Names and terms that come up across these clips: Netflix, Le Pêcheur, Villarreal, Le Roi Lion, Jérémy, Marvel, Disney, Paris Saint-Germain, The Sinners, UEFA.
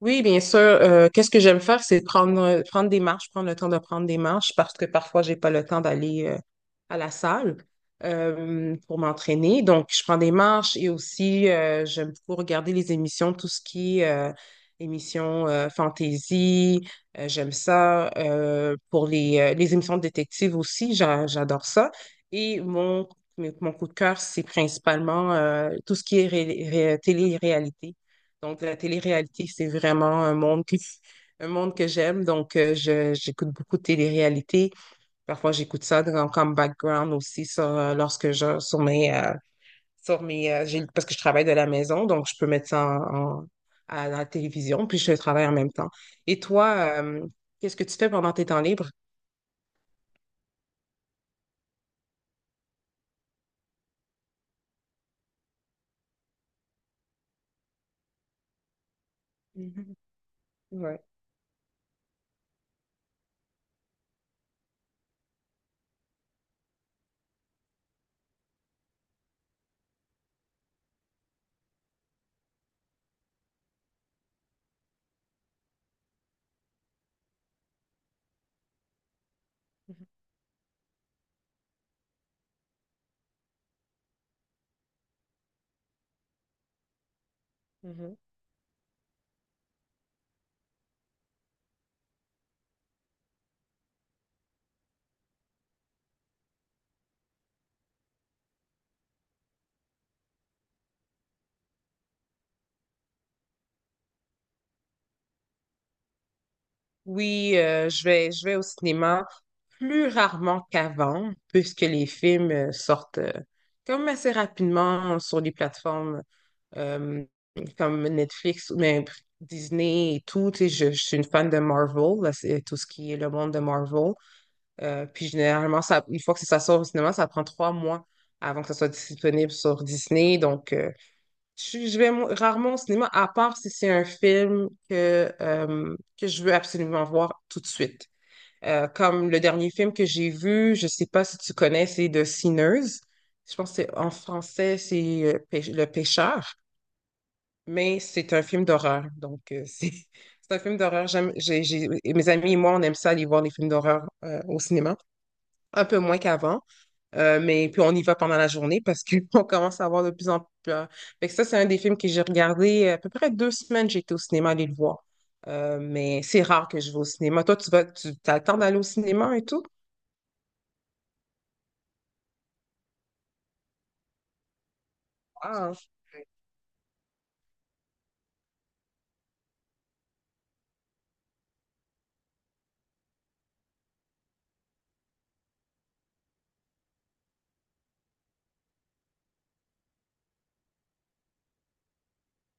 Oui, bien sûr. Qu'est-ce que j'aime faire, c'est prendre, prendre des marches, prendre le temps de prendre des marches parce que parfois, j'ai pas le temps d'aller à la salle pour m'entraîner. Donc, je prends des marches et aussi, j'aime beaucoup regarder les émissions, tout ce qui est émissions fantasy, j'aime ça. Pour les émissions de détective aussi, j'adore ça. Et mon, Mon coup de cœur, c'est principalement tout ce qui est télé-réalité. Donc, la télé-réalité, c'est vraiment un monde que j'aime. Donc, j'écoute beaucoup de télé-réalité. Parfois, j'écoute ça comme background aussi parce que je travaille de la maison, donc je peux mettre ça à la télévision, puis je travaille en même temps. Et toi, qu'est-ce que tu fais pendant tes temps libres? Mhm. Ouais. Mm-hmm. Mhm. Oui, je vais au cinéma plus rarement qu'avant, puisque les films sortent comme assez rapidement sur les plateformes euh, comme Netflix ou même Disney et tout. Tu sais, je suis une fan de Marvel, là, c'est tout ce qui est le monde de Marvel. Puis généralement, ça, une fois que ça sort au cinéma, ça prend 3 mois avant que ça soit disponible sur Disney. Donc, je vais rarement au cinéma, à part si c'est un film que je veux absolument voir tout de suite. Comme le dernier film que j'ai vu, je sais pas si tu connais, c'est The Sinners. Je pense que en français, c'est Le Pêcheur, mais c'est un film d'horreur. Donc, c'est un film d'horreur. Et mes amis et moi, on aime ça aller voir les films d'horreur au cinéma, un peu moins qu'avant. Mais puis on y va pendant la journée parce qu'on commence à avoir de plus en plus peur. Fait que ça, c'est un des films que j'ai regardé à peu près 2 semaines, j'étais au cinéma aller le voir. Mais c'est rare que je vais au cinéma. Toi, tu t'as le temps d'aller au cinéma et tout? Ah,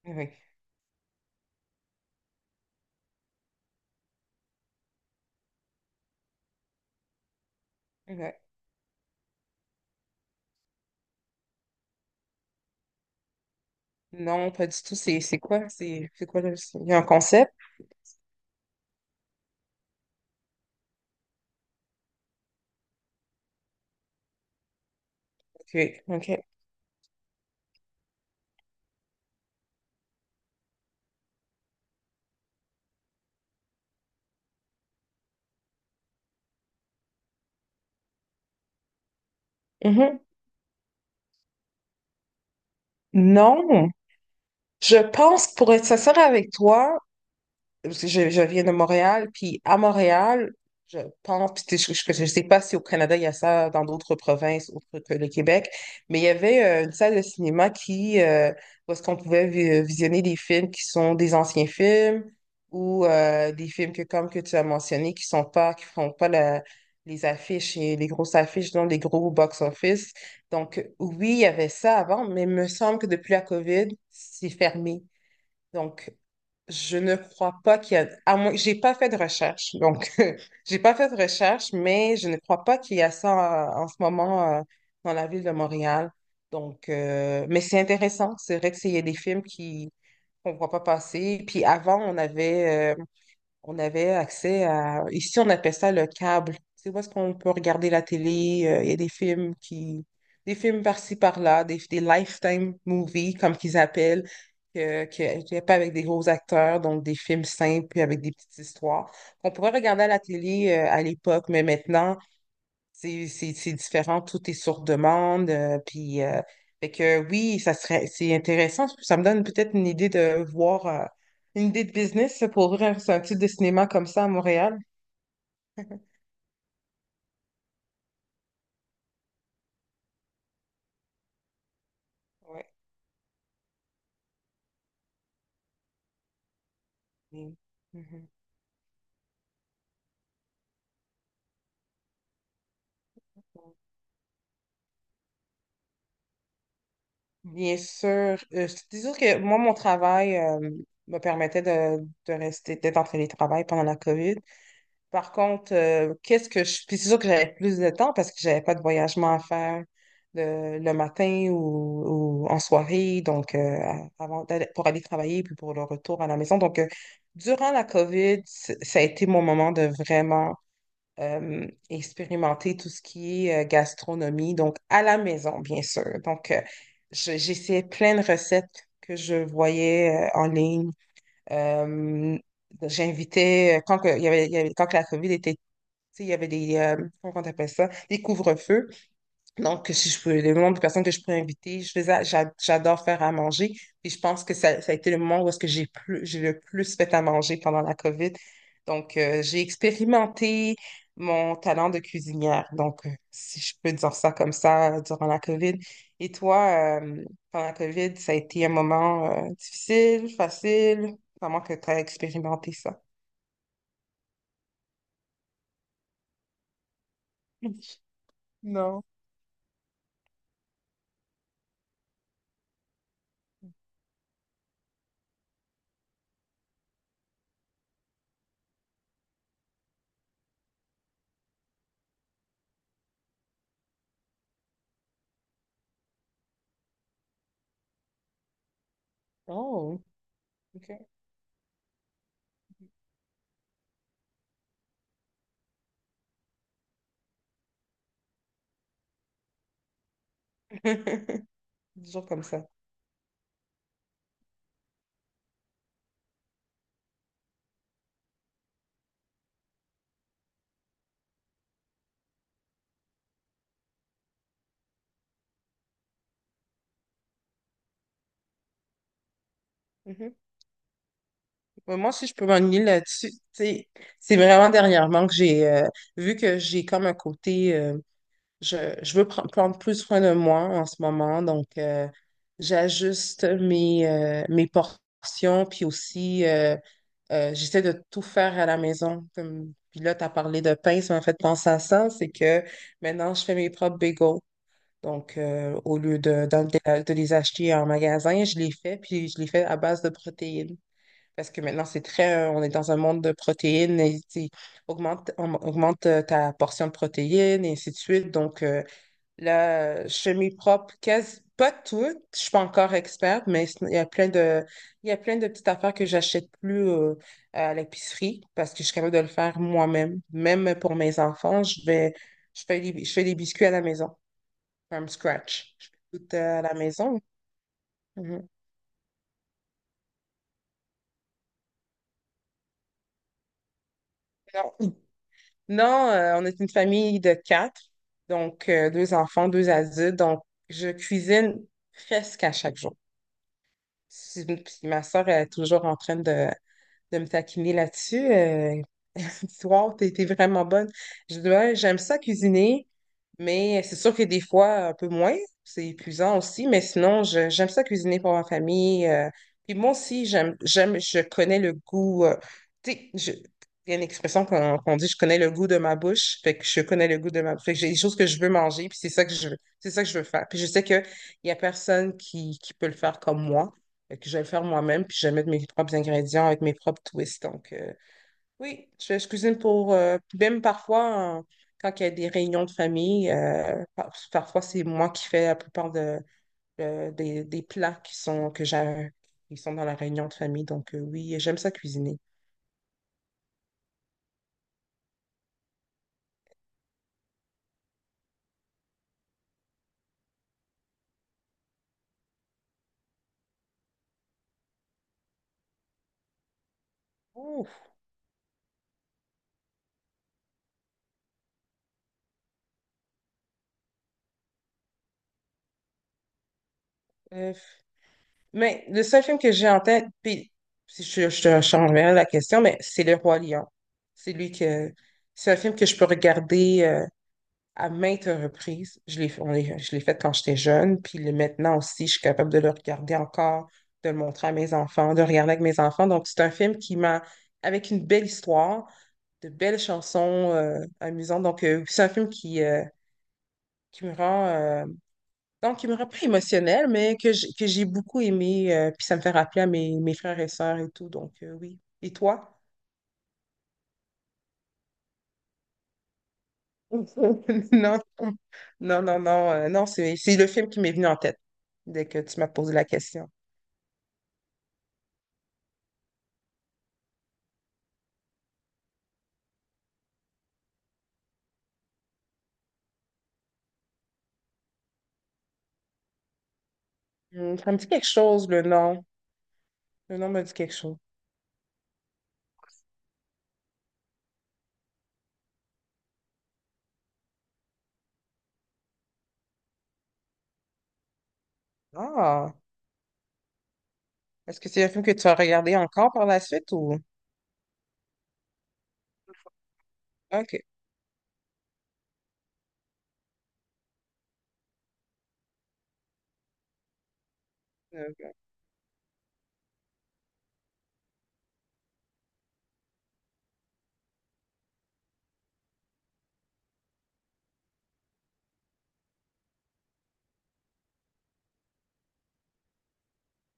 oui, oui. Non, pas du tout. C'est quoi? C'est quoi le... Il y a un concept? Ok, ok. Mhm. Non, je pense que pour être sincère avec toi, parce que je viens de Montréal, puis à Montréal, je pense, puis je sais pas si au Canada il y a ça dans d'autres provinces autres que le Québec, mais il y avait une salle de cinéma où est-ce qu'on pouvait visionner des films qui sont des anciens films ou des films que, comme que tu as mentionné, qui font pas les affiches et les grosses affiches, donc les gros box-office. Donc, oui, il y avait ça avant, mais il me semble que depuis la COVID, c'est fermé. Donc, je ne crois pas qu'il y a, à moins, j'ai pas fait de recherche, donc j'ai pas fait de recherche, mais je ne crois pas qu'il y a ça en ce moment dans la ville de Montréal. Donc, mais c'est intéressant. C'est vrai que il y a des films qui qu'on voit pas passer. Puis avant, on avait accès à... Ici, on appelle ça le câble. C'est où est-ce qu'on peut regarder la télé. Il y a des films qui... Des films par-ci, par-là, des lifetime movies, comme qu'ils appellent, qui est pas avec des gros acteurs, donc des films simples, puis avec des petites histoires, qu'on pourrait regarder à la télé à l'époque, mais maintenant, c'est différent, tout est sur demande. Puis, fait que oui, c'est intéressant. Ça me donne peut-être une idée de business pour ouvrir un type de cinéma comme ça à Montréal. Ouais. Mm. Mhm. Bien sûr. Je te dis juste que moi, mon travail me permettait de rester, d'être en télétravail pendant la COVID. Par contre, qu'est-ce que je. Puis c'est sûr que j'avais plus de temps parce que j'avais pas de voyagement à faire le matin ou en soirée, donc pour aller travailler puis pour le retour à la maison. Donc, durant la COVID, ça a été mon moment de vraiment expérimenter tout ce qui est gastronomie, donc à la maison, bien sûr. Donc, j'essayais plein de recettes que je voyais en ligne. Euh, quand que la COVID était tu sais, il y avait comment on appelle ça, des couvre-feux. Donc, si je peux, le nombre de personnes que je pourrais inviter, j'adore faire à manger. Et je pense que ça a été le moment où est-ce que j'ai le plus fait à manger pendant la COVID. Donc, j'ai expérimenté mon talent de cuisinière. Donc, si je peux dire ça comme ça durant la COVID. Et toi, pendant la COVID, ça a été un moment, difficile, facile, comment que tu as expérimenté ça? Non. Oh, ok. Toujours comme ça. Mhm. Mais moi aussi, je peux m'ennuyer là-dessus. Tu sais, c'est vraiment dernièrement que j'ai vu que j'ai comme un côté. Je veux prendre plus soin de moi en ce moment, donc j'ajuste mes portions, puis aussi j'essaie de tout faire à la maison. Comme, puis là, tu as parlé de pain, ça m'a fait penser à ça, c'est que maintenant je fais mes propres bagels. Donc, au lieu de les acheter en magasin, je les fais, puis je les fais à base de protéines. Parce que maintenant, on est dans un monde de protéines, et, tu sais, augmente ta portion de protéines, et ainsi de suite. Donc, la chemise propre quasi, pas toutes, je suis pas encore experte, mais sinon, il y a plein de petites affaires que j'achète plus à l'épicerie parce que je suis capable de le faire moi-même. Même pour mes enfants, je fais des biscuits à la maison, from scratch. Je fais tout à la maison. Mhm. Non, Non, on est une famille de quatre, donc deux enfants, deux adultes, donc je cuisine presque à chaque jour. Si- puis Ma soeur est toujours en train de me taquiner là-dessus. Soir, t'es vraiment bonne. Je dis, Ouais, j'aime ça cuisiner, mais c'est sûr que des fois, un peu moins, c'est épuisant aussi, mais sinon, j'aime ça cuisiner pour ma famille. Puis moi aussi, je connais le goût. Tu sais, il y a une expression qu'on dit, je connais le goût de ma bouche, fait que je connais le goût de ma bouche. Fait que j'ai des choses que je veux manger, puis c'est ça que je veux, c'est ça que je veux faire. Puis je sais qu'il y a personne qui peut le faire comme moi. Fait que je vais le faire moi-même, puis je vais mettre mes propres ingrédients avec mes propres twists. Donc, oui, je cuisine même quand il y a des réunions de famille, parfois c'est moi qui fais la plupart des plats qui sont dans la réunion de famille. Donc oui, j'aime ça cuisiner. Ouf, euh, mais le seul film que j'ai en tête, puis si je t'enverrai la question, mais c'est Le Roi Lion. C'est lui que, c'est un film que je peux regarder, à maintes reprises. Je l'ai fait quand j'étais jeune, puis maintenant aussi, je suis capable de le regarder encore, de le montrer à mes enfants, de le regarder avec mes enfants. Donc, c'est un film qui m'a, avec une belle histoire, de belles chansons amusantes. Donc, c'est un film qui me qui me rend pas émotionnelle, mais que j'ai beaucoup aimé, puis ça me fait rappeler à mes frères et sœurs et tout. Donc, oui. Et toi? Non, non, non, non, non, c'est le film qui m'est venu en tête dès que tu m'as posé la question. Hmm, ça me dit quelque chose, le nom. Le nom me dit quelque chose. Ah, est-ce que c'est un film que tu as regardé encore par la suite ou? Ok. Euh,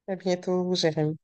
À bientôt, Jérémy.